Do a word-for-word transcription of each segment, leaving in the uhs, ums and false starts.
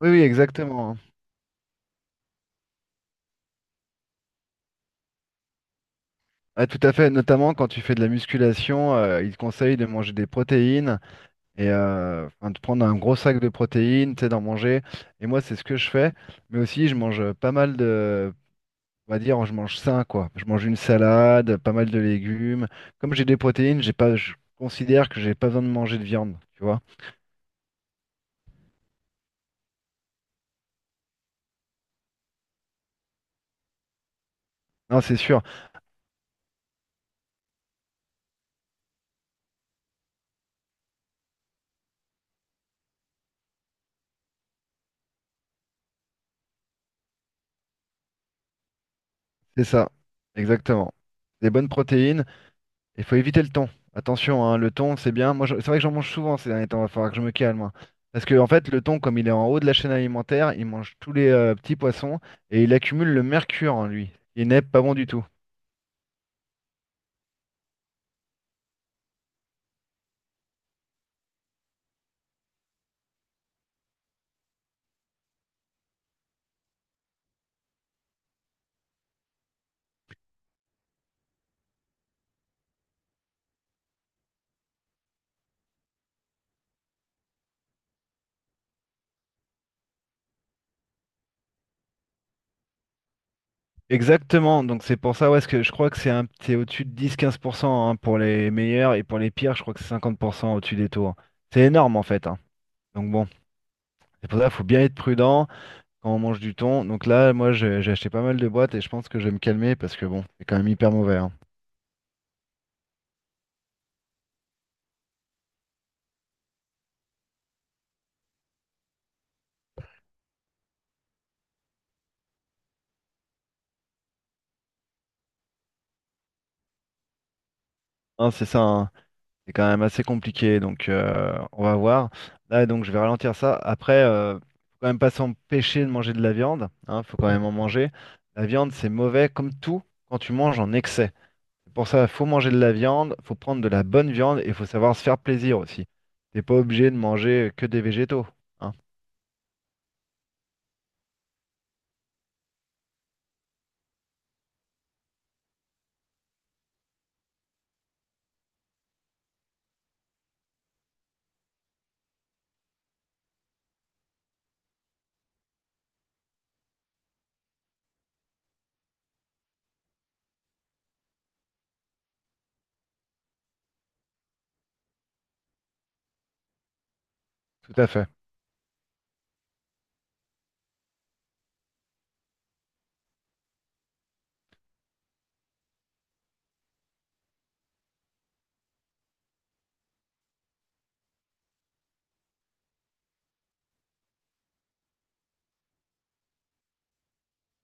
Oui, oui, exactement. Ah, tout à fait. Notamment quand tu fais de la musculation, euh, il te conseille de manger des protéines et euh, enfin, de prendre un gros sac de protéines, tu sais, d'en manger. Et moi, c'est ce que je fais. Mais aussi, je mange euh, pas mal de, on va dire, je mange sain, quoi. Je mange une salade, pas mal de légumes. Comme j'ai des protéines, j'ai pas, je considère que j'ai pas besoin de manger de viande, tu vois. Non, c'est sûr. C'est ça. Exactement. Des bonnes protéines. Il faut éviter le thon. Attention, hein, le thon, c'est bien. Moi, je- c'est vrai que j'en mange souvent ces derniers temps. Il va falloir que je me calme, hein. Parce que, en fait, le thon, comme il est en haut de la chaîne alimentaire, il mange tous les euh, petits poissons et il accumule le mercure en lui. Il n'est pas bon du tout. Exactement. Donc, c'est pour ça, ouais, parce que je crois que c'est un- c'est au-dessus de dix-quinze pour cent, hein, pour les meilleurs et pour les pires, je crois que c'est cinquante pour cent au-dessus des taux, hein. C'est énorme, en fait, hein. Donc, bon, c'est pour ça qu'il faut bien être prudent quand on mange du thon. Donc, là, moi, j'ai j'ai acheté pas mal de boîtes et je pense que je vais me calmer parce que, bon, c'est quand même hyper mauvais, hein. Hein, c'est ça, hein. C'est quand même assez compliqué, donc euh, on va voir. Là, donc je vais ralentir ça. Après, euh, faut quand même pas s'empêcher de manger de la viande, hein, faut quand même en manger. La viande, c'est mauvais comme tout quand tu manges en excès. C'est Pour ça, faut manger de la viande, faut prendre de la bonne viande et faut savoir se faire plaisir aussi. T'es pas obligé de manger que des végétaux, hein. Tout à fait.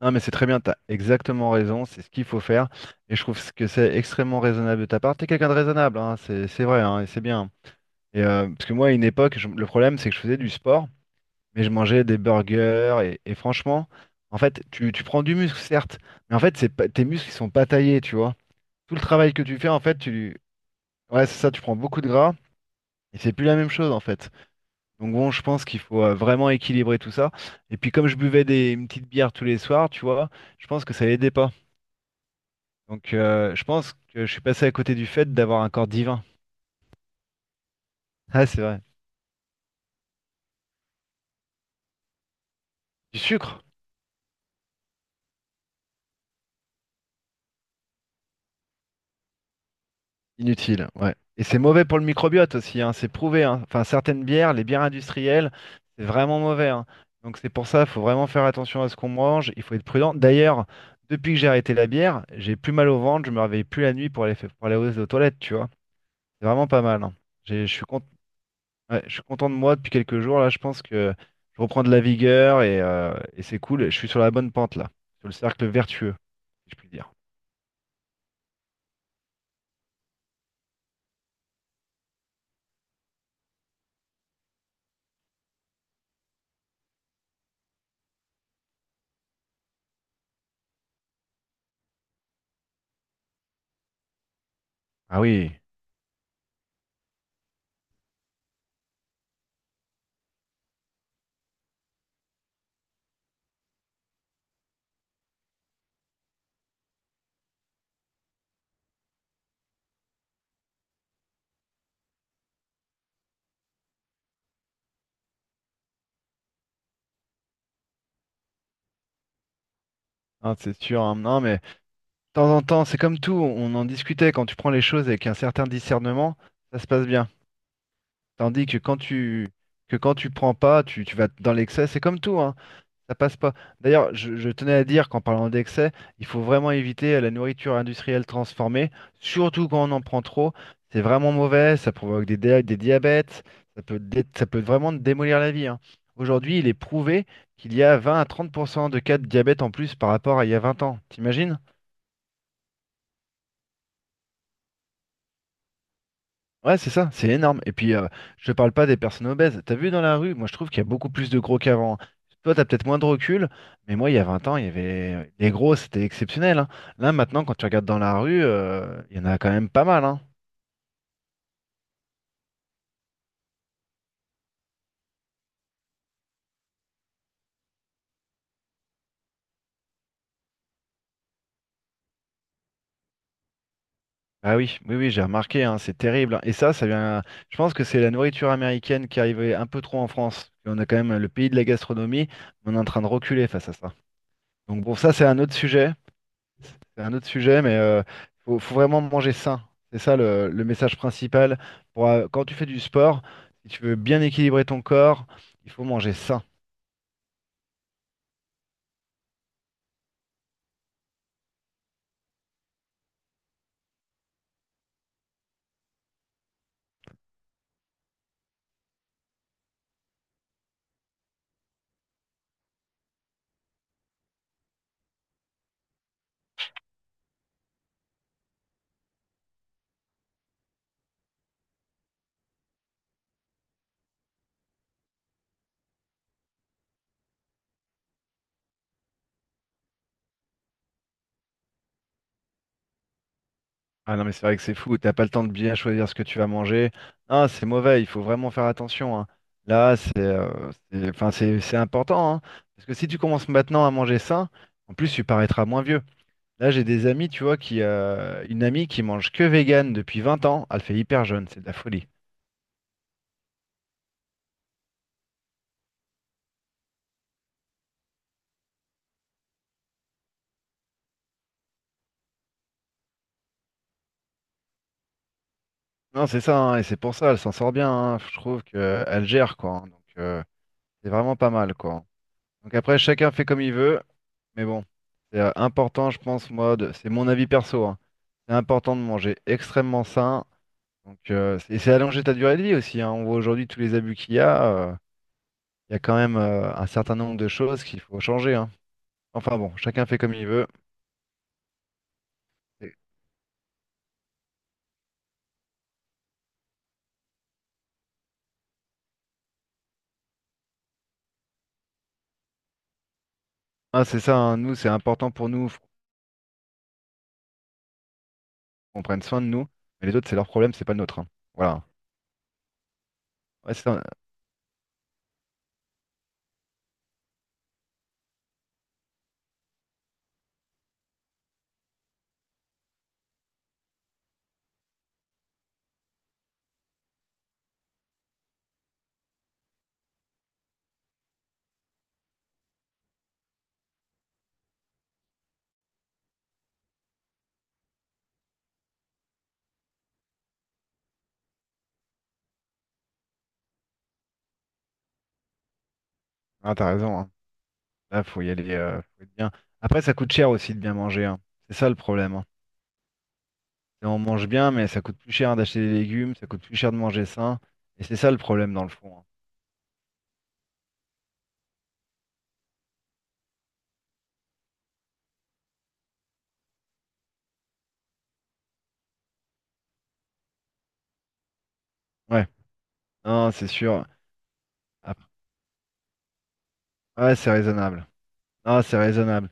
Non, mais c'est très bien, t'as exactement raison, c'est ce qu'il faut faire. Et je trouve que c'est extrêmement raisonnable de ta part. T'es quelqu'un de raisonnable, hein, c'est c'est vrai, hein, et c'est bien. Et, euh, parce que moi, à une époque, je- le problème, c'est que je faisais du sport, mais je mangeais des burgers. Et, et franchement, en fait, tu, tu prends du muscle, certes, mais en fait, c'est pas, tes muscles, ils sont pas taillés, tu vois. Tout le travail que tu fais, en fait, tu, ouais, c'est ça, tu prends beaucoup de gras, et c'est plus la même chose, en fait. Donc bon, je pense qu'il faut euh, vraiment équilibrer tout ça. Et puis, comme je buvais des, une petite bière tous les soirs, tu vois, je pense que ça aidait pas. Donc, euh, je pense que je suis passé à côté du fait d'avoir un corps divin. Ah, c'est vrai. Du sucre. Inutile, ouais. Et c'est mauvais pour le microbiote aussi, hein, c'est prouvé, hein. Enfin, certaines bières, les bières industrielles, c'est vraiment mauvais, hein. Donc c'est pour ça, il faut vraiment faire attention à ce qu'on mange, il faut être prudent. D'ailleurs, depuis que j'ai arrêté la bière, j'ai plus mal au ventre, je me réveille plus la nuit pour aller, fa- pour aller aux aux toilettes, tu vois. C'est vraiment pas mal, hein. J'ai- Je suis cont- ouais, je suis content de moi depuis quelques jours, là, je pense que je reprends de la vigueur et, euh, et c'est cool. Je suis sur la bonne pente, là, sur le cercle vertueux, si je puis dire. Ah oui, hein, c'est sûr, hein. Non, mais, temps en temps, c'est comme tout, on en discutait, quand tu prends les choses avec un certain discernement, ça se passe bien. Tandis que quand tu que quand tu prends pas, tu, tu vas dans l'excès, c'est comme tout, hein, ça passe pas. D'ailleurs, je, je tenais à dire qu'en parlant d'excès, il faut vraiment éviter la nourriture industrielle transformée, surtout quand on en prend trop. C'est vraiment mauvais, ça provoque des, dia- des diabètes, ça peut, dé- ça peut vraiment te démolir la vie, hein. Aujourd'hui, il est prouvé qu'il y a vingt à trente pour cent de cas de diabète en plus par rapport à il y a vingt ans. T'imagines? Ouais, c'est ça, c'est énorme. Et puis, euh, je te parle pas des personnes obèses. T'as vu dans la rue, moi je trouve qu'il y a beaucoup plus de gros qu'avant, hein. Toi, t'as peut-être moins de recul, mais moi, il y a vingt ans, il y avait les gros, c'était exceptionnel, hein. Là, maintenant, quand tu regardes dans la rue, euh, il y en a quand même pas mal, hein. Ah oui, oui, oui, j'ai remarqué, hein, c'est terrible, hein. Et ça, ça vient. Je pense que c'est la nourriture américaine qui arrivait un peu trop en France. Et on a quand même le pays de la gastronomie, mais on est en train de reculer face à ça. Donc bon, ça, c'est un autre sujet. C'est un autre sujet, mais euh, faut, faut vraiment manger sain. C'est ça le, le message principal. Pour, euh, quand tu fais du sport, si tu veux bien équilibrer ton corps, il faut manger sain. Ah non, mais c'est vrai que c'est fou, t'as pas le temps de bien choisir ce que tu vas manger. Ah, c'est mauvais, il faut vraiment faire attention, hein. Là, c'est euh, c'est- enfin, c'est, c'est important, hein. Parce que si tu commences maintenant à manger sain, en plus, tu paraîtras moins vieux. Là, j'ai des amis, tu vois, qui, euh, une amie qui mange que vegan depuis vingt ans, elle fait hyper jeune, c'est de la folie. Non, c'est ça, hein, et c'est pour ça, elle s'en sort bien, hein, je trouve qu'elle gère, quoi, hein, donc, euh, c'est vraiment pas mal, quoi. Donc après, chacun fait comme il veut, mais bon, c'est euh, important, je pense, moi, de- c'est mon avis perso, hein, c'est important de manger extrêmement sain. Donc, euh, c'est- et c'est allonger ta durée de vie aussi, hein, on voit aujourd'hui tous les abus qu'il y a, euh, il y a quand même euh, un certain nombre de choses qu'il faut changer, hein. Enfin bon, chacun fait comme il veut. Et- Ah, c'est ça, hein, nous, c'est important pour nous, faut qu'on prenne soin de nous, mais les autres, c'est leur problème, c'est pas le nôtre, hein. Voilà. Ouais, c'est ça, ah, t'as raison, hein. Là, faut y aller, euh, faut être bien. Après, ça coûte cher aussi de bien manger, hein. C'est ça le problème, hein. C'est On mange bien, mais ça coûte plus cher d'acheter des légumes, ça coûte plus cher de manger sain. Et c'est ça le problème dans le fond, hein. Ouais, non, c'est sûr. Après- Ouais, c'est raisonnable. Ah, c'est raisonnable.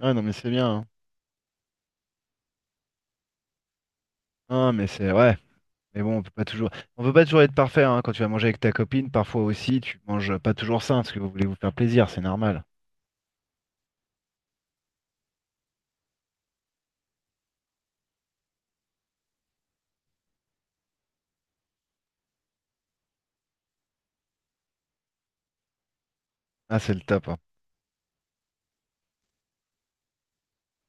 Ouais, non, mais c'est bien, hein. Non, mais c'est ouais. Mais bon, on peut pas toujours, on peut pas toujours être parfait, hein. Quand tu vas manger avec ta copine, parfois aussi, tu manges pas toujours sain parce que vous voulez vous faire plaisir, c'est normal. Ah, c'est le top, hein.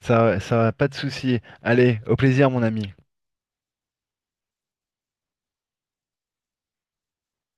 Ça, ça, pas de souci. Allez, au plaisir, mon ami.